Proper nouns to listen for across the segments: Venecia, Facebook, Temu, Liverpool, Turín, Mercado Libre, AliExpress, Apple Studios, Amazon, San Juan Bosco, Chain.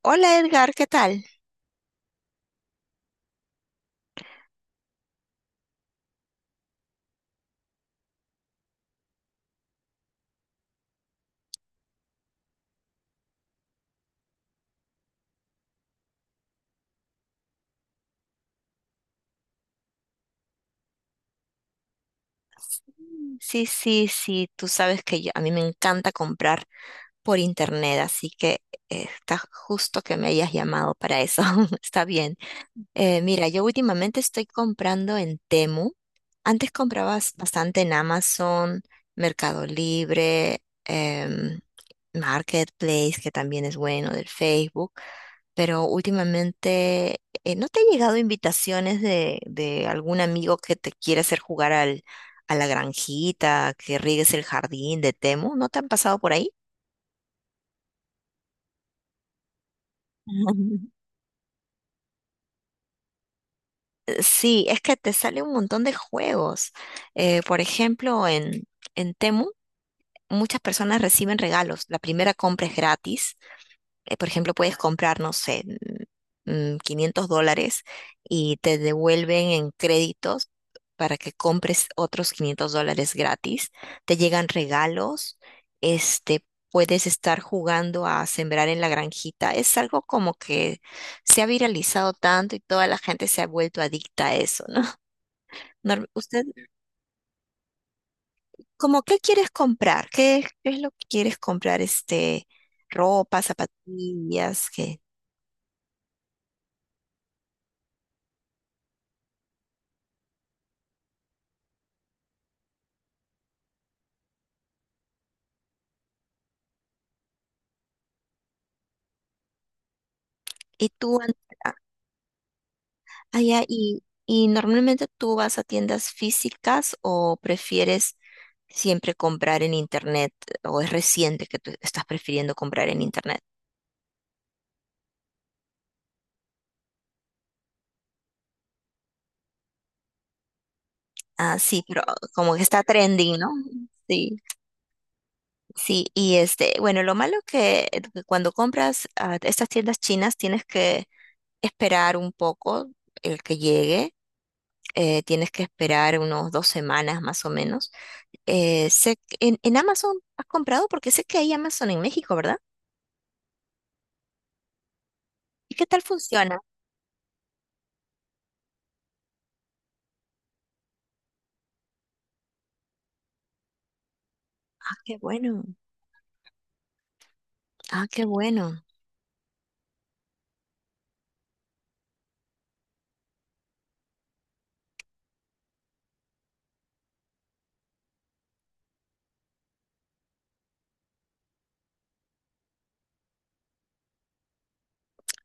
Hola Edgar, ¿qué tal? Sí, sí, sí, tú sabes que yo, a mí me encanta comprar por internet, así que está justo que me hayas llamado para eso. Está bien. Mira, yo últimamente estoy comprando en Temu. Antes comprabas bastante en Amazon, Mercado Libre, Marketplace, que también es bueno, del Facebook. Pero últimamente, ¿no te han llegado invitaciones de algún amigo que te quiere hacer jugar al, a la granjita, que riegues el jardín de Temu? ¿No te han pasado por ahí? Sí, es que te sale un montón de juegos. Por ejemplo, en Temu, muchas personas reciben regalos. La primera compra es gratis. Por ejemplo, puedes comprar, no sé, $500 y te devuelven en créditos para que compres otros $500 gratis. Te llegan regalos. Este, Puedes estar jugando a sembrar en la granjita. Es algo como que se ha viralizado tanto y toda la gente se ha vuelto adicta a eso, ¿no? ¿Usted, como qué quieres comprar? Qué es lo que quieres comprar? Ropa, zapatillas, ¿qué? ¿Y tú, Andrea? Allá, y normalmente tú vas a tiendas físicas o prefieres siempre comprar en internet o ¿es reciente que tú estás prefiriendo comprar en internet? Ah, sí, pero como que está trending, ¿no? Sí. Sí, y este, bueno, lo malo que cuando compras a estas tiendas chinas tienes que esperar un poco el que llegue. Tienes que esperar unos 2 semanas más o menos. En Amazon has comprado porque sé que hay Amazon en México, ¿verdad? ¿Y qué tal funciona? Ah, qué bueno. Ah, qué bueno.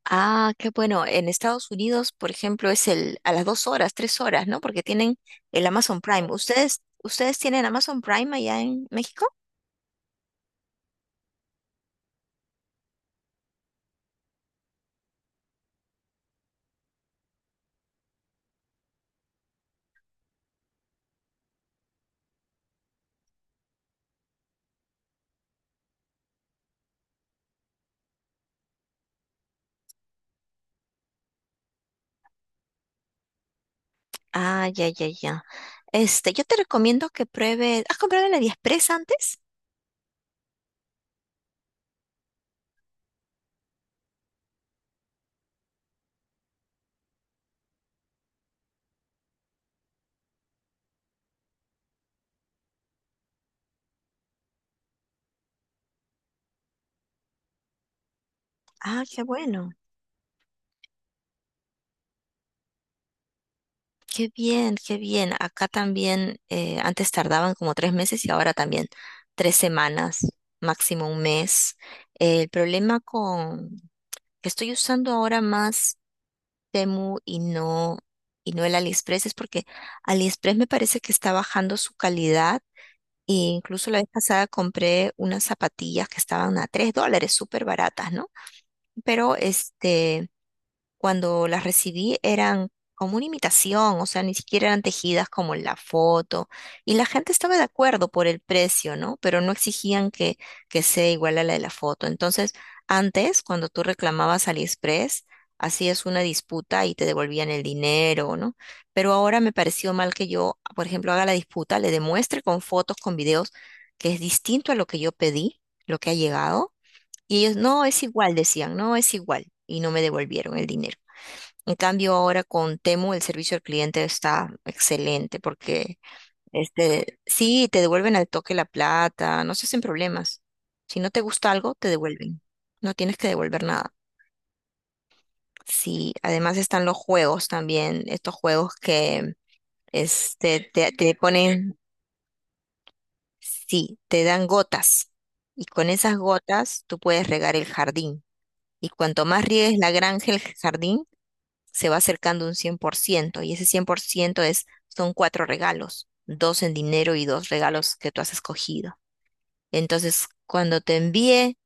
Ah, qué bueno. En Estados Unidos, por ejemplo, es el a las dos horas, tres horas, ¿no? Porque tienen el Amazon Prime. Ustedes tienen Amazon Prime allá en México? Ah, ya, ya, ya. Yo te recomiendo que pruebes. ¿Has comprado en AliExpress antes? Ah, qué bueno. Qué bien, qué bien. Acá también antes tardaban como 3 meses y ahora también 3 semanas, máximo un mes. El problema con que estoy usando ahora más Temu y no el AliExpress es porque AliExpress me parece que está bajando su calidad. E incluso la vez pasada compré unas zapatillas que estaban a $3, súper baratas, ¿no? Pero este cuando las recibí eran como una imitación, o sea, ni siquiera eran tejidas como en la foto. Y la gente estaba de acuerdo por el precio, ¿no? Pero no exigían que sea igual a la de la foto. Entonces, antes, cuando tú reclamabas AliExpress, hacías una disputa y te devolvían el dinero, ¿no? Pero ahora me pareció mal que yo, por ejemplo, haga la disputa, le demuestre con fotos, con videos, que es distinto a lo que yo pedí, lo que ha llegado. Y ellos, no, es igual, decían, no, es igual. Y no me devolvieron el dinero. En cambio, ahora con Temu el servicio al cliente está excelente porque este sí te devuelven al toque la plata, no se hacen problemas. Si no te gusta algo, te devuelven. No tienes que devolver nada. Sí, además están los juegos también, estos juegos que este te ponen, sí, te dan gotas y con esas gotas tú puedes regar el jardín. Y cuanto más riegues la granja, el jardín, se va acercando un 100% y ese 100% es, son cuatro regalos, dos en dinero y dos regalos que tú has escogido. Entonces, cuando te envíe,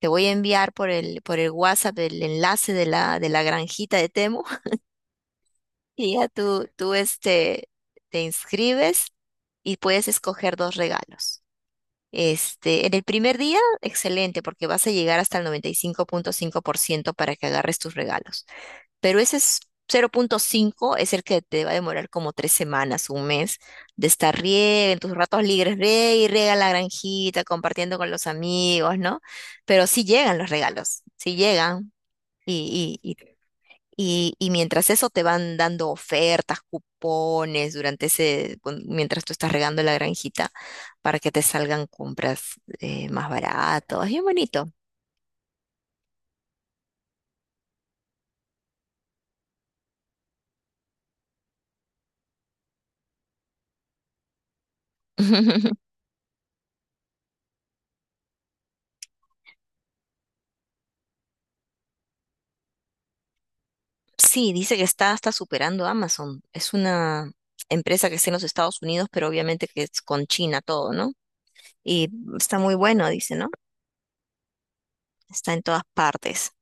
te voy a enviar por por el WhatsApp el enlace de de la granjita de Temu y ya tú este, te inscribes y puedes escoger dos regalos. Este, en el primer día, excelente, porque vas a llegar hasta el 95,5% para que agarres tus regalos. Pero ese es 0.5 es el que te va a demorar como 3 semanas, un mes, de estar riega en tus ratos libres, riega y riega la granjita, compartiendo con los amigos, ¿no? Pero sí llegan los regalos, sí llegan. Y, y, y mientras eso te van dando ofertas, cupones, durante ese, mientras tú estás regando la granjita, para que te salgan compras más baratas. Bien bonito. Sí, dice que está hasta superando a Amazon. Es una empresa que está en los Estados Unidos, pero obviamente que es con China todo, ¿no? Y está muy bueno, dice, ¿no? Está en todas partes.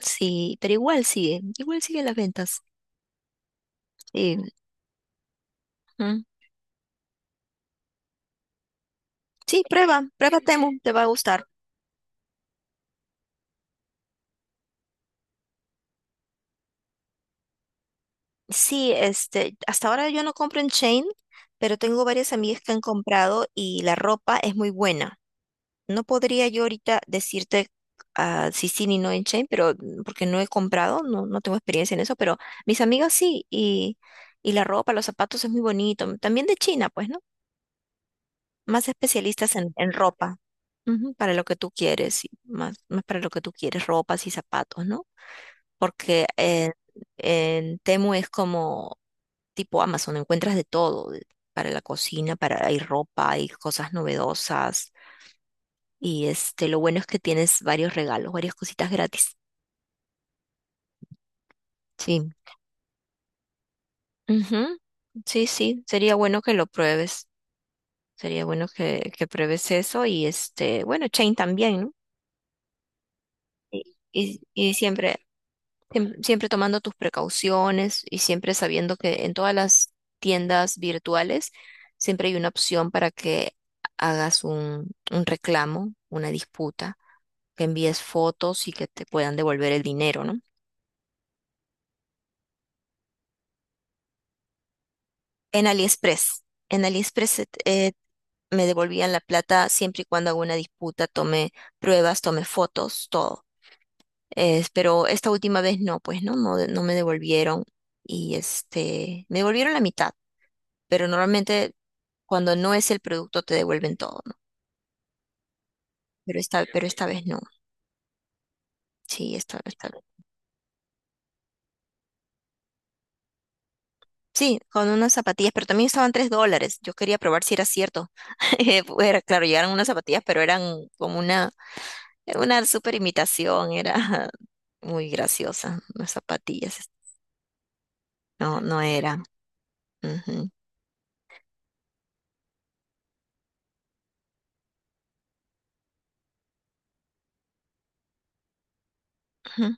Sí, pero igual sigue las ventas. Sí, mm. Sí, prueba, prueba Temu, te va a gustar. Sí, este, hasta ahora yo no compro en Chain, pero tengo varias amigas que han comprado y la ropa es muy buena. No podría yo ahorita decirte ah, si sí ni no en Chain, pero mm, porque no he comprado, no, no tengo experiencia en eso, pero mis amigas sí, y la ropa, los zapatos es muy bonito. También de China, pues, ¿no? Más especialistas en ropa, ujú, para lo que tú quieres, y más, más para lo que tú quieres, ropas y zapatos, ¿no? Porque en, en Temu es como tipo Amazon, encuentras de todo, para la cocina, para, hay ropa, hay cosas novedosas y este, lo bueno es que tienes varios regalos, varias cositas gratis. Sí. Ujú. Sí, sí, sería bueno que lo pruebes. Sería bueno que pruebes eso y este, bueno, Chain también, ¿no? Y siempre, siempre tomando tus precauciones y siempre sabiendo que en todas las tiendas virtuales siempre hay una opción para que hagas un reclamo, una disputa, que envíes fotos y que te puedan devolver el dinero, ¿no? En AliExpress. En AliExpress me devolvían la plata siempre y cuando hago una disputa, tomé pruebas, tomé fotos, todo. Pero esta última vez no, pues no, no, no me devolvieron y este, me devolvieron la mitad, pero normalmente cuando no es el producto te devuelven todo, ¿no? Pero esta vez no. Sí, esta vez. Sí, con unas zapatillas, pero también estaban $3. Yo quería probar si era cierto. Era, claro, llegaron unas zapatillas, pero eran como una super imitación, era muy graciosa. Las zapatillas no, no eran. Ujú, ujú.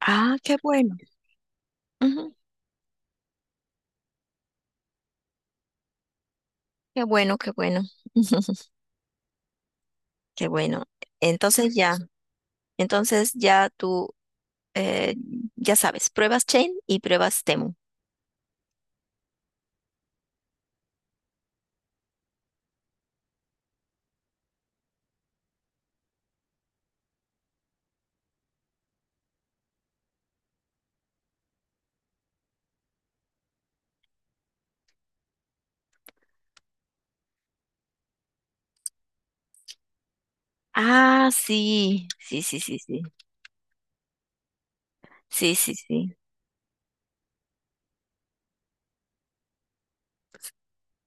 Ah, qué bueno. Ujú, qué bueno, qué bueno. Qué bueno. Entonces ya, entonces ya tú, eh, ya sabes, pruebas Chain y pruebas Temu. Ah, sí, sí, sí, sí, sí. Sí, sí, sí.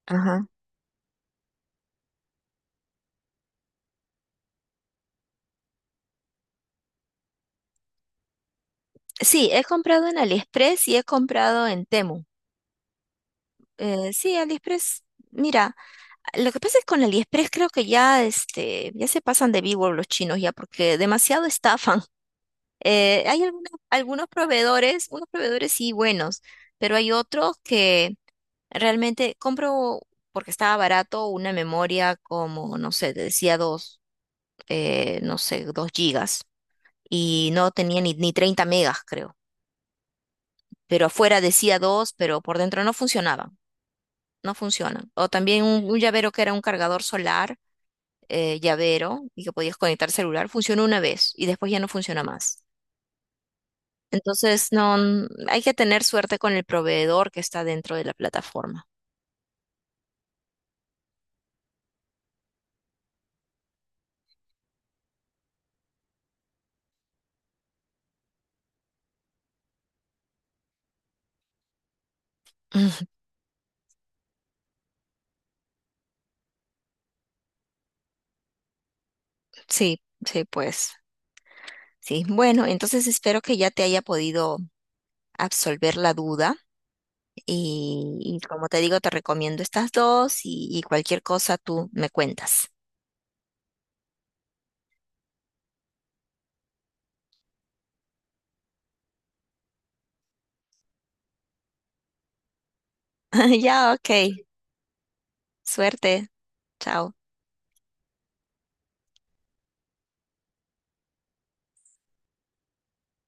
Ajá. Sí, he comprado en AliExpress y he comprado en Temu. Sí, AliExpress, mira. Lo que pasa es con AliExpress creo que ya, este, ya se pasan de vivo los chinos ya porque demasiado estafan. Hay algunos, algunos proveedores, unos proveedores sí buenos, pero hay otros que realmente compro porque estaba barato una memoria como, no sé, te decía dos, no sé, 2 GB y no tenía ni 30 MB creo. Pero afuera decía dos, pero por dentro no funcionaba, no funciona. O también un llavero que era un cargador solar llavero y que podías conectar celular, funcionó una vez y después ya no funciona más. Entonces, no, hay que tener suerte con el proveedor que está dentro de la plataforma. Sí, sí, pues. Sí, bueno, entonces espero que ya te haya podido absolver la duda y como te digo, te recomiendo estas dos y cualquier cosa tú me cuentas. Ya, ok. Suerte. Chao.